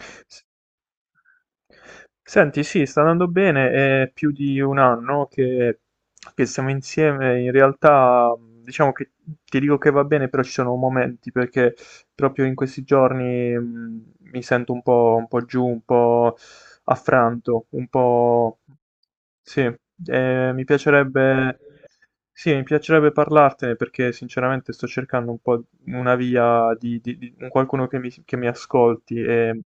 S- Senti, sì, sta andando bene, è più di un anno che siamo insieme. In realtà, diciamo che ti dico che va bene, però ci sono momenti perché proprio in questi giorni, mi sento un po' giù, un po' affranto, un po'. Sì, mi piacerebbe. Sì, mi piacerebbe parlartene perché sinceramente sto cercando un po' una via un qualcuno che mi ascolti e.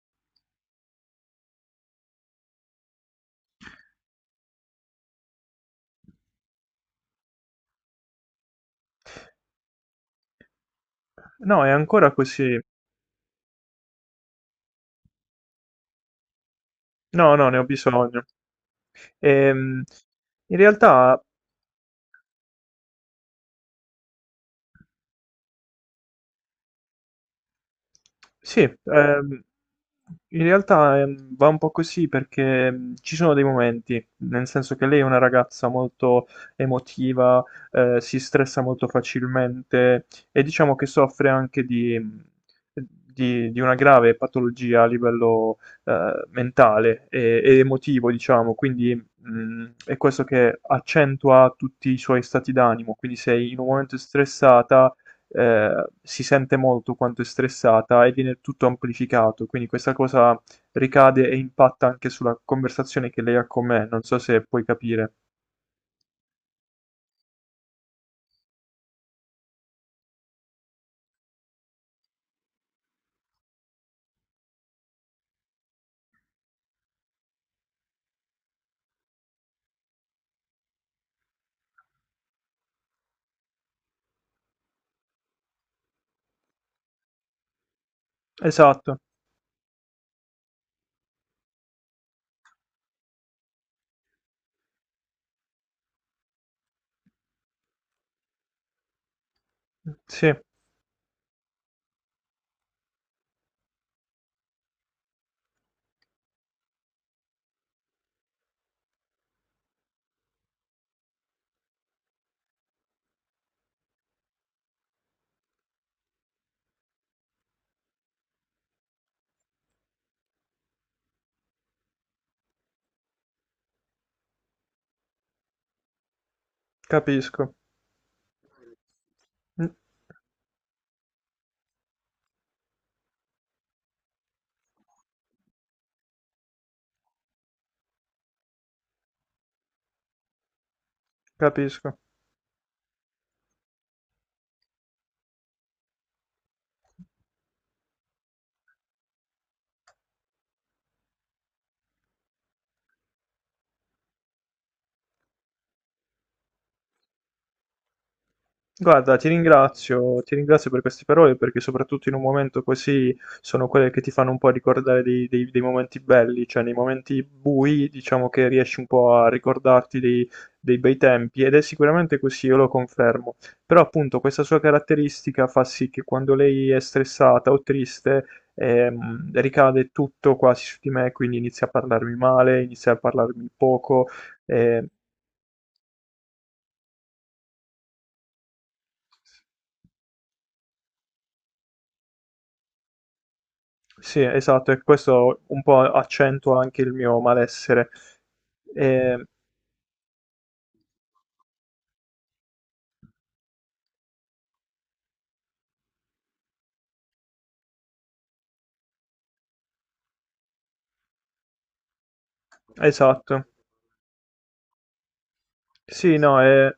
No, è ancora così. No, no, ne ho bisogno. Ehm, in realtà. Sì, in realtà va un po' così perché, ci sono dei momenti, nel senso che lei è una ragazza molto emotiva. Eh, si stressa molto facilmente e diciamo che soffre anche di una grave patologia a livello, mentale e emotivo, diciamo. Quindi, è questo che accentua tutti i suoi stati d'animo, quindi se in un momento è stressata, si sente molto quanto è stressata e viene tutto amplificato, quindi questa cosa ricade e impatta anche sulla conversazione che lei ha con me. Non so se puoi capire. Esatto, sì, capisco. Mm, capisco. Guarda, ti ringrazio per queste parole perché soprattutto in un momento così sono quelle che ti fanno un po' ricordare dei momenti belli, cioè nei momenti bui diciamo che riesci un po' a ricordarti dei bei tempi, ed è sicuramente così, io lo confermo. Però appunto questa sua caratteristica fa sì che quando lei è stressata o triste, ricade tutto quasi su di me, quindi inizia a parlarmi male, inizia a parlarmi poco. Eh, sì, esatto, e questo un po' accentua anche il mio malessere. Eh, esatto. Sì, no, è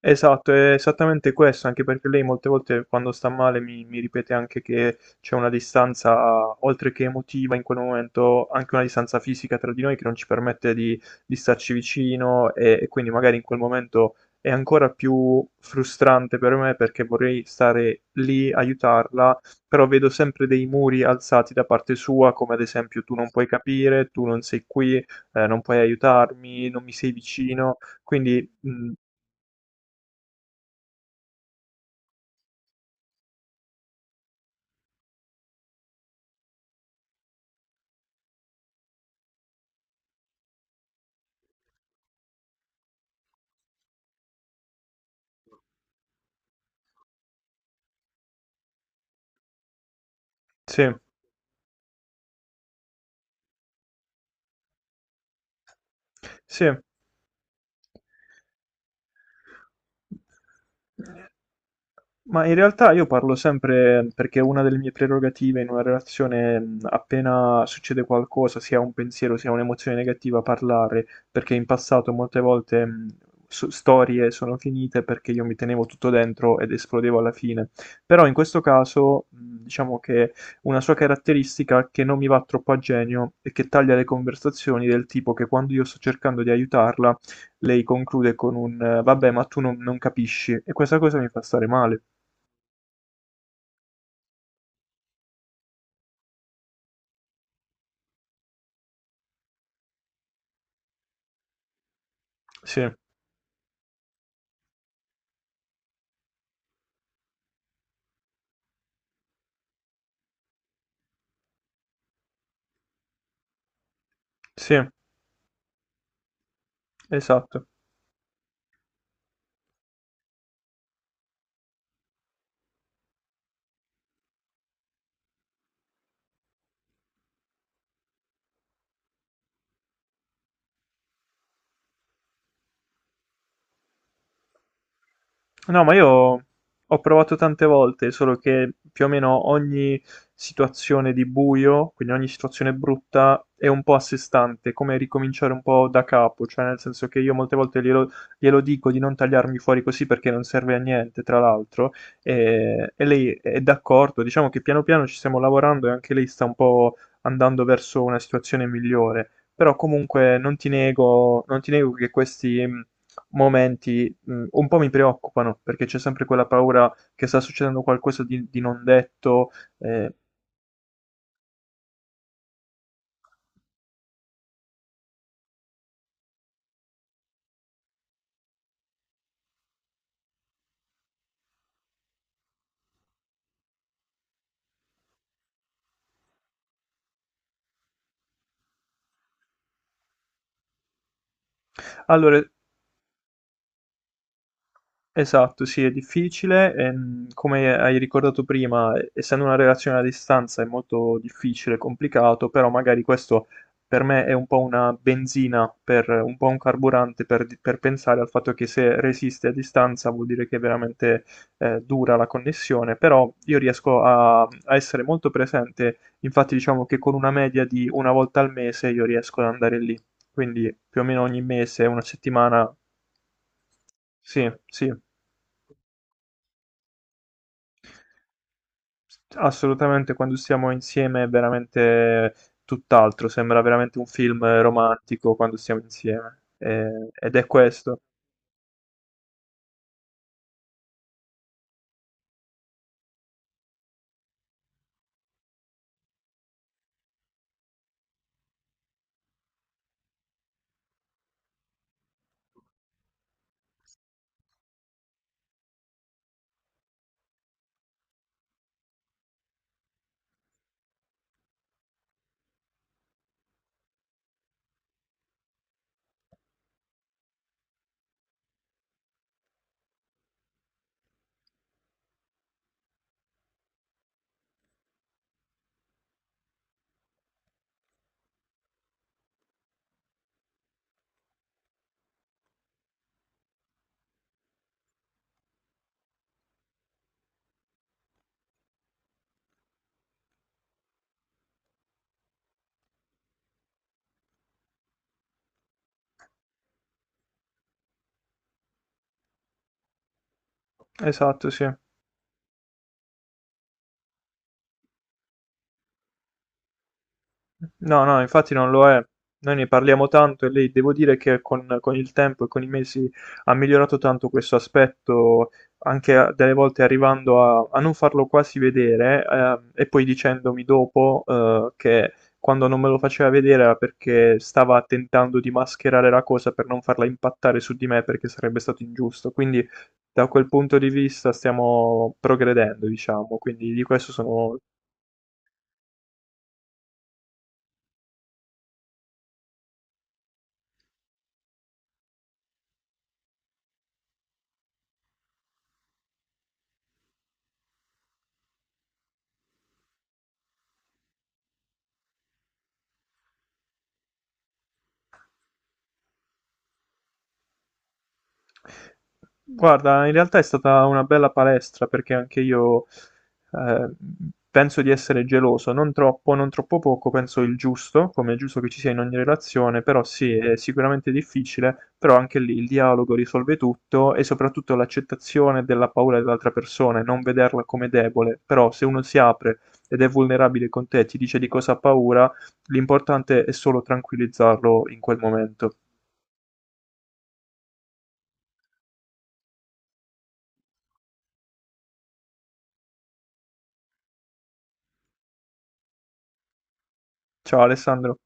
esatto, è esattamente questo, anche perché lei molte volte quando sta male mi ripete anche che c'è una distanza, oltre che emotiva in quel momento, anche una distanza fisica tra di noi che non ci permette di starci vicino, e quindi magari in quel momento è ancora più frustrante per me perché vorrei stare lì, aiutarla, però vedo sempre dei muri alzati da parte sua, come ad esempio tu non puoi capire, tu non sei qui, non puoi aiutarmi, non mi sei vicino. Quindi sì, sì. Ma in realtà io parlo sempre perché una delle mie prerogative in una relazione, appena succede qualcosa, sia un pensiero sia un'emozione negativa, parlare, perché in passato molte volte, storie sono finite perché io mi tenevo tutto dentro ed esplodevo alla fine. Però in questo caso, diciamo che una sua caratteristica che non mi va troppo a genio è che taglia le conversazioni, del tipo che quando io sto cercando di aiutarla lei conclude con un, vabbè, ma tu non capisci, e questa cosa mi fa stare male. Sì, sì, esatto. No, ma io ho provato tante volte, solo che più o meno ogni situazione di buio, quindi ogni situazione brutta, è un po' a sé stante, come ricominciare un po' da capo, cioè nel senso che io molte volte glielo dico di non tagliarmi fuori così perché non serve a niente, tra l'altro, e lei è d'accordo, diciamo che piano piano ci stiamo lavorando e anche lei sta un po' andando verso una situazione migliore, però comunque non ti nego che questi momenti, un po' mi preoccupano, perché c'è sempre quella paura che sta succedendo qualcosa di non detto, ehm. Allora, esatto, sì, è difficile. Ehm, come hai ricordato prima, essendo una relazione a distanza è molto difficile, complicato, però magari questo per me è un po' una benzina, un po' un carburante per pensare al fatto che se resiste a distanza vuol dire che è veramente, dura la connessione, però io riesco a essere molto presente. Infatti diciamo che con una media di una volta al mese io riesco ad andare lì, quindi più o meno ogni mese, una settimana. Sì, sì. Assolutamente, quando stiamo insieme è veramente tutt'altro, sembra veramente un film romantico quando stiamo insieme. Ed è questo. Esatto, sì. No, no, infatti non lo è. Noi ne parliamo tanto e lei devo dire che con, il tempo e con i mesi ha migliorato tanto questo aspetto, anche delle volte arrivando a non farlo quasi vedere, e poi dicendomi dopo, che quando non me lo faceva vedere era perché stava tentando di mascherare la cosa per non farla impattare su di me, perché sarebbe stato ingiusto. Quindi da quel punto di vista stiamo progredendo, diciamo, quindi di questo sono. Guarda, in realtà è stata una bella palestra, perché anche io, eh, penso di essere geloso, non troppo, non troppo poco, penso il giusto, come è giusto che ci sia in ogni relazione, però sì, è sicuramente difficile, però anche lì il dialogo risolve tutto, e soprattutto l'accettazione della paura dell'altra persona e non vederla come debole, però se uno si apre ed è vulnerabile con te, ti dice di cosa ha paura, l'importante è solo tranquillizzarlo in quel momento. Ciao Alessandro.